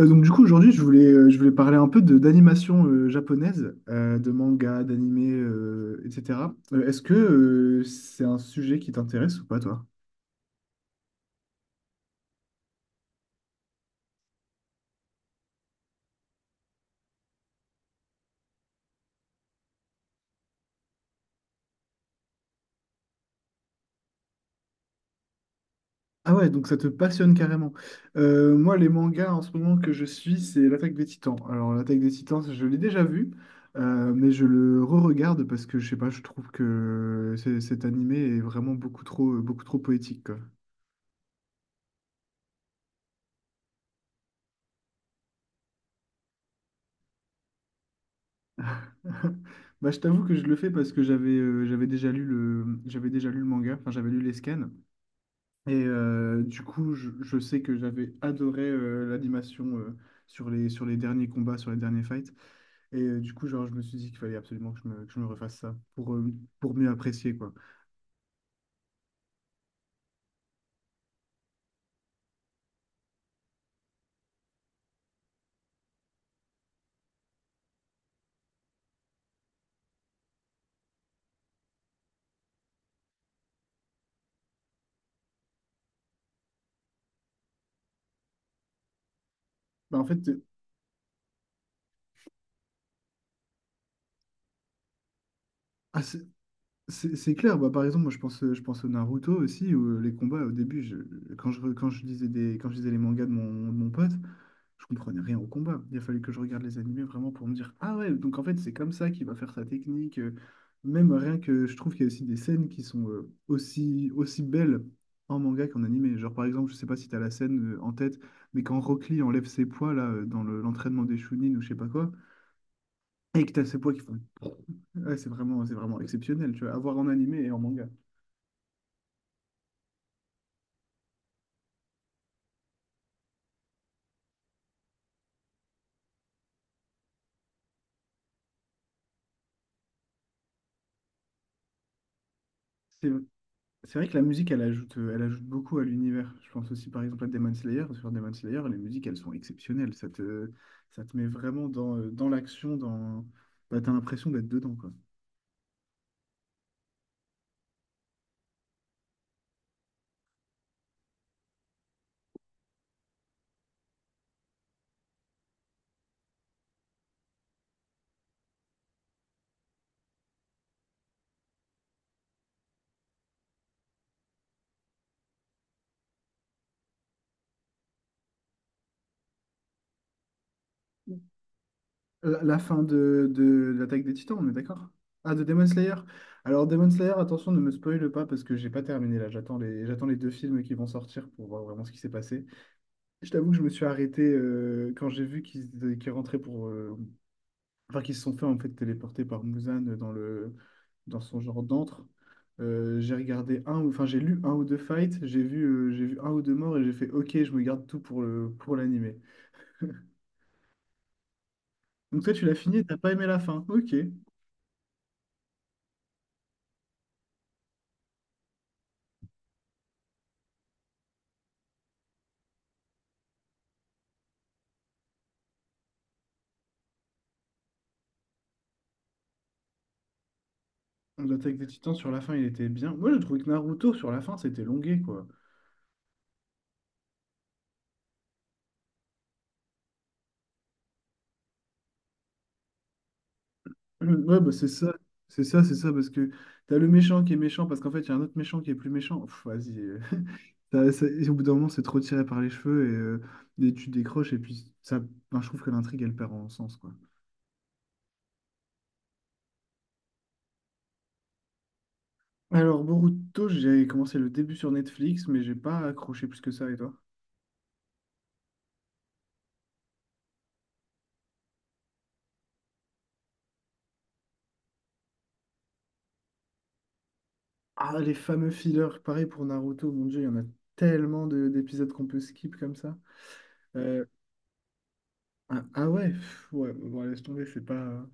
Donc du coup aujourd'hui je voulais parler un peu de d'animation japonaise, de manga, d'animé, etc. Est-ce que c'est un sujet qui t'intéresse ou pas toi? Ah ouais, donc ça te passionne carrément. Moi les mangas en ce moment que je suis c'est l'Attaque des Titans. Alors l'Attaque des Titans je l'ai déjà vu, mais je le re-regarde parce que je sais pas, je trouve que cet animé est vraiment beaucoup trop poétique quoi. Bah, je t'avoue que je le fais parce que j'avais déjà lu le manga, enfin j'avais lu les scans et du coup je sais que j'avais adoré l'animation sur les derniers combats, sur les derniers fights et du coup genre je me suis dit qu'il fallait absolument que je me refasse ça pour mieux apprécier quoi. Bah, en fait, ah, c'est clair. Bah, par exemple moi je pense au Naruto aussi où les combats au début quand je lisais des quand je lisais les mangas de mon pote. Je comprenais rien au combat. Il a fallu que je regarde les animés vraiment pour me dire, ah ouais, donc en fait, c'est comme ça qu'il va faire sa technique. Même rien que je trouve qu'il y a aussi des scènes qui sont aussi, aussi belles en manga qu'en animé. Genre, par exemple, je sais pas si tu as la scène en tête, mais quand Rock Lee enlève ses poids là, dans l'entraînement des Chunin ou je sais pas quoi, et que tu as ses poids qui font. Ouais, c'est vraiment exceptionnel, tu vois, à voir en animé et en manga. C'est vrai que la musique, elle ajoute beaucoup à l'univers. Je pense aussi par exemple à Demon Slayer. Sur Demon Slayer, les musiques, elles sont exceptionnelles. Ça te met vraiment dans, dans l'action, dans... Bah, t'as l'impression d'être dedans, quoi. La fin de l'Attaque des Titans, on est d'accord? Ah, de Demon Slayer. Alors Demon Slayer, attention, ne me spoile pas parce que j'ai pas terminé là. J'attends les deux films qui vont sortir pour voir vraiment ce qui s'est passé. Je t'avoue que je me suis arrêté quand j'ai vu qu'ils rentraient pour, enfin qui se sont fait en fait téléporter par Muzan dans le dans son genre d'antre. J'ai regardé un, ou- Enfin j'ai lu un ou deux fights, j'ai vu un ou deux morts et j'ai fait OK, je me garde tout pour le pour l'animé. Donc toi tu l'as fini, et t'as pas aimé la fin. OK. L'Attaque des Titans sur la fin, il était bien. Moi, j'ai trouvé que Naruto sur la fin, c'était longué quoi. Ouais, bah c'est ça. C'est ça, c'est ça parce que t'as le méchant qui est méchant parce qu'en fait, il y a un autre méchant qui est plus méchant. Pff, vas-y. Et au bout d'un moment, c'est trop tiré par les cheveux et tu décroches. Et puis, ça, ben, je trouve que l'intrigue, elle perd en sens, quoi. Alors, Boruto, j'ai commencé le début sur Netflix, mais j'ai pas accroché plus que ça, et toi? Ah, les fameux fillers, pareil pour Naruto, mon Dieu, il y en a tellement d'épisodes qu'on peut skip comme ça. Euh, ah ouais, pff, ouais, bon, laisse tomber,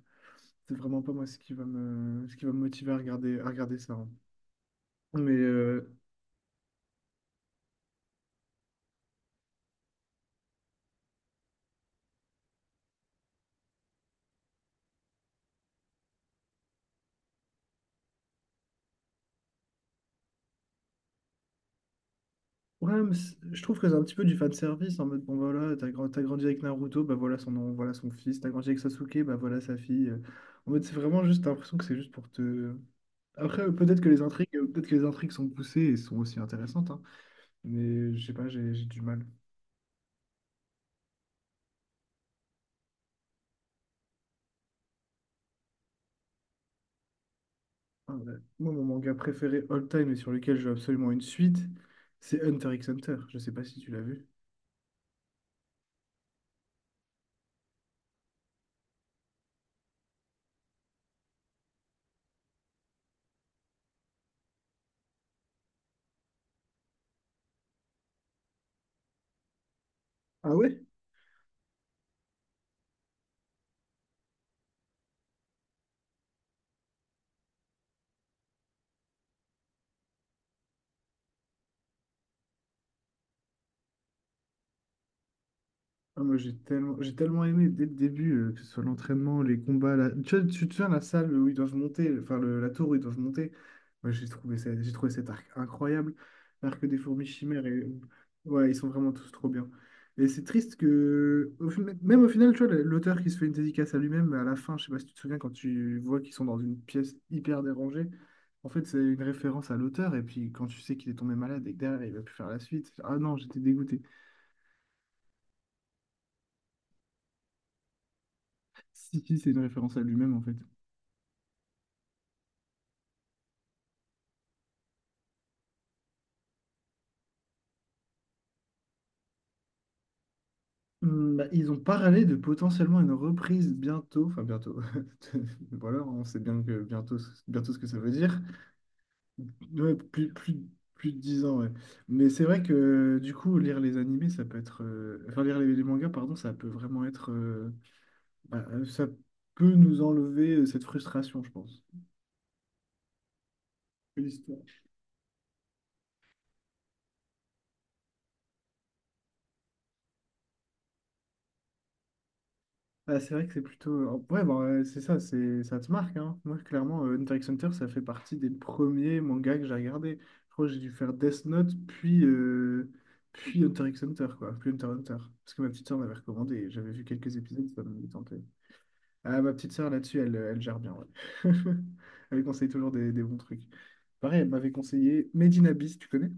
c'est vraiment pas moi ce qui va me motiver à regarder ça, hein. Mais ouais, mais je trouve que c'est un petit peu du fan service en mode bon voilà, t'as grandi avec Naruto, bah voilà son nom, voilà son fils, t'as grandi avec Sasuke, bah voilà sa fille. En mode c'est vraiment juste t'as l'impression que c'est juste pour te. Après peut-être que les intrigues sont poussées et sont aussi intéressantes, hein. Mais je sais pas, j'ai du mal. Ah, ouais. Moi mon manga préféré all time et sur lequel je veux absolument une suite, c'est Hunter x Hunter. Je sais pas si tu l'as vu. Ah ouais? Ah, moi, j'ai tellement aimé dès le début, que ce soit l'entraînement, les combats. Tu vois, tu te souviens la salle où ils doivent monter, enfin la tour où ils doivent monter. Moi, j'ai trouvé cet arc incroyable. L'arc des fourmis chimères. Et... Ouais, ils sont vraiment tous trop bien. Et c'est triste que, même au final, tu vois, l'auteur qui se fait une dédicace à lui-même, à la fin, je sais pas si tu te souviens, quand tu vois qu'ils sont dans une pièce hyper dérangée, en fait, c'est une référence à l'auteur. Et puis, quand tu sais qu'il est tombé malade et que derrière, il va plus faire la suite, ah non, j'étais dégoûté. Si, si, c'est une référence à lui-même, en fait. Hmm, bah, ils ont parlé de potentiellement une reprise bientôt, enfin bientôt, voilà, on sait bien que bientôt, bientôt ce que ça veut dire. Ouais, plus de 10 ans, ouais. Mais c'est vrai que du coup, lire les animés, ça peut être. Enfin, lire les mangas, pardon, ça peut vraiment être. Bah, ça peut nous enlever cette frustration, je pense. Ah, c'est vrai que c'est plutôt. Ouais, bah, c'est ça te marque, hein. Moi, clairement, Hunter x Hunter, ça fait partie des premiers mangas que j'ai regardé. Je crois que j'ai dû faire Death Note, puis Hunter x Hunter, quoi. Puis Hunter x Hunter. Parce que ma petite sœur m'avait recommandé et j'avais vu quelques épisodes, ça m'avait tenté. Ah, ma petite sœur, là-dessus, elle gère bien, ouais. Elle me conseille toujours des bons trucs. Pareil, elle m'avait conseillé Made in Abyss, tu connais?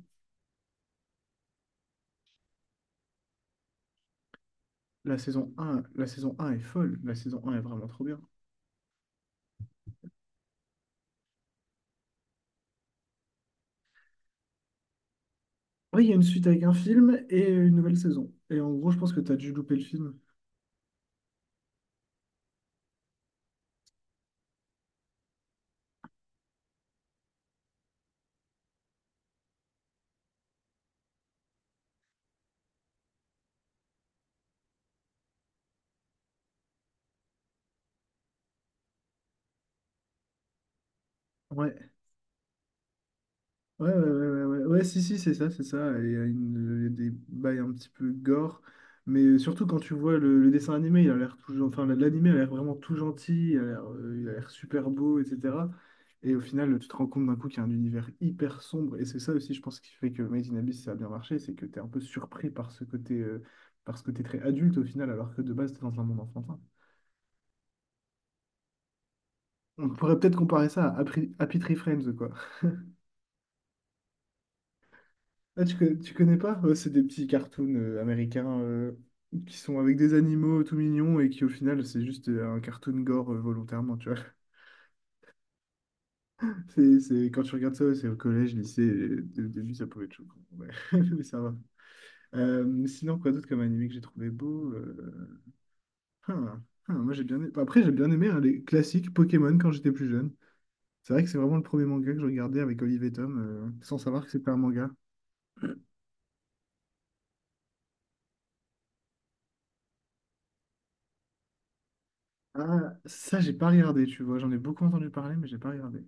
La saison 1 est folle. La saison 1 est vraiment trop bien. Oui, il y a une suite avec un film et une nouvelle saison. Et en gros, je pense que tu as dû louper le film. Ouais, ouais, ouais, ouais, ouais, ouais, ouais, si, si, c'est ça, c'est ça. Et il y a des bails un petit peu gore, mais surtout quand tu vois le dessin animé, il a l'air tout, enfin, l'animé a l'air vraiment tout gentil, il a l'air super beau, etc. Et au final, tu te rends compte d'un coup qu'il y a un univers hyper sombre, et c'est ça aussi, je pense, qui fait que Made in Abyss, ça a bien marché, c'est que tu es un peu surpris par ce côté très adulte au final, alors que de base, tu es dans un monde enfantin. On pourrait peut-être comparer ça à Happy Tree Friends, quoi. Ah, tu connais pas? Ouais, c'est des petits cartoons américains qui sont avec des animaux tout mignons et qui, au final, c'est juste un cartoon gore volontairement, tu vois. C'est, quand tu regardes ça, ouais, c'est au collège, lycée, et au début, ça pouvait être choquant. Ouais. Mais ça va. Sinon, quoi d'autre comme animé que j'ai trouvé beau? Hein, hein, moi, j'ai bien aimé- Après, j'ai bien aimé hein, les classiques Pokémon quand j'étais plus jeune. C'est vrai que c'est vraiment le premier manga que je regardais avec Olive et Tom, sans savoir que c'était un manga. Ah, ça, j'ai pas regardé, tu vois. J'en ai beaucoup entendu parler, mais j'ai pas regardé.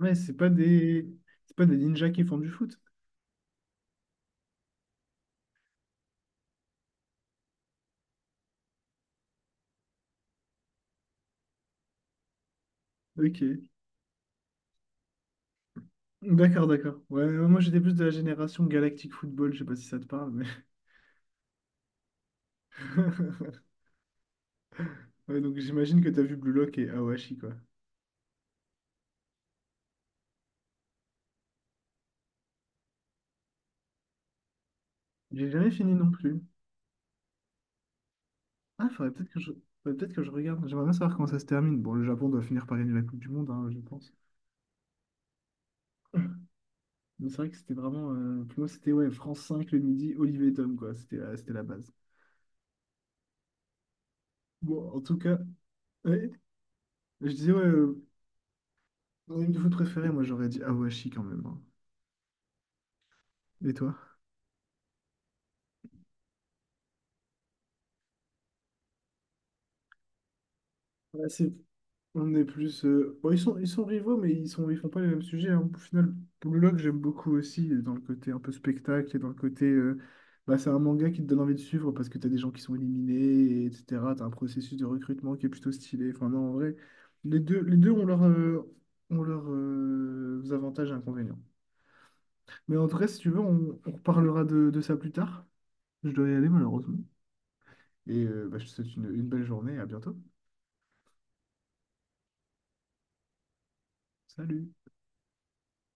Ouais, c'est pas des... c'est pas des ninjas qui font du foot. OK. D'accord, d'accord. Ouais, ouais, moi j'étais plus de la génération Galactic Football, je sais pas si ça te parle, mais. Ouais, donc j'imagine que t'as vu Blue Lock et Awashi, quoi. J'ai jamais fini non plus. Ah, Faudrait peut-être que je regarde. J'aimerais bien savoir comment ça se termine. Bon, le Japon doit finir par gagner la Coupe du Monde, hein, je pense. Mais c'est vrai que c'était vraiment. Pour moi, c'était ouais, France 5 le midi, Olivier et Tom, quoi. C'était la base. Bon, en tout cas, ouais, je disais, ouais, mon anime de foot préféré, moi j'aurais dit Awashi quand même, hein. Et toi? Ouais, on est plus. Bon, ils sont rivaux, mais ils font pas les mêmes sujets, hein. Au final, Blue Lock, j'aime beaucoup aussi, dans le côté un peu spectacle et dans le côté. Bah, c'est un manga qui te donne envie de suivre parce que t'as des gens qui sont éliminés, et etc. T'as un processus de recrutement qui est plutôt stylé. Enfin, non, en vrai, les deux ont leurs ont leurs avantages et inconvénients. Mais en tout cas, si tu veux, on reparlera de ça plus tard. Je dois y aller, malheureusement. Et bah, je te souhaite une belle journée, à bientôt. Salut!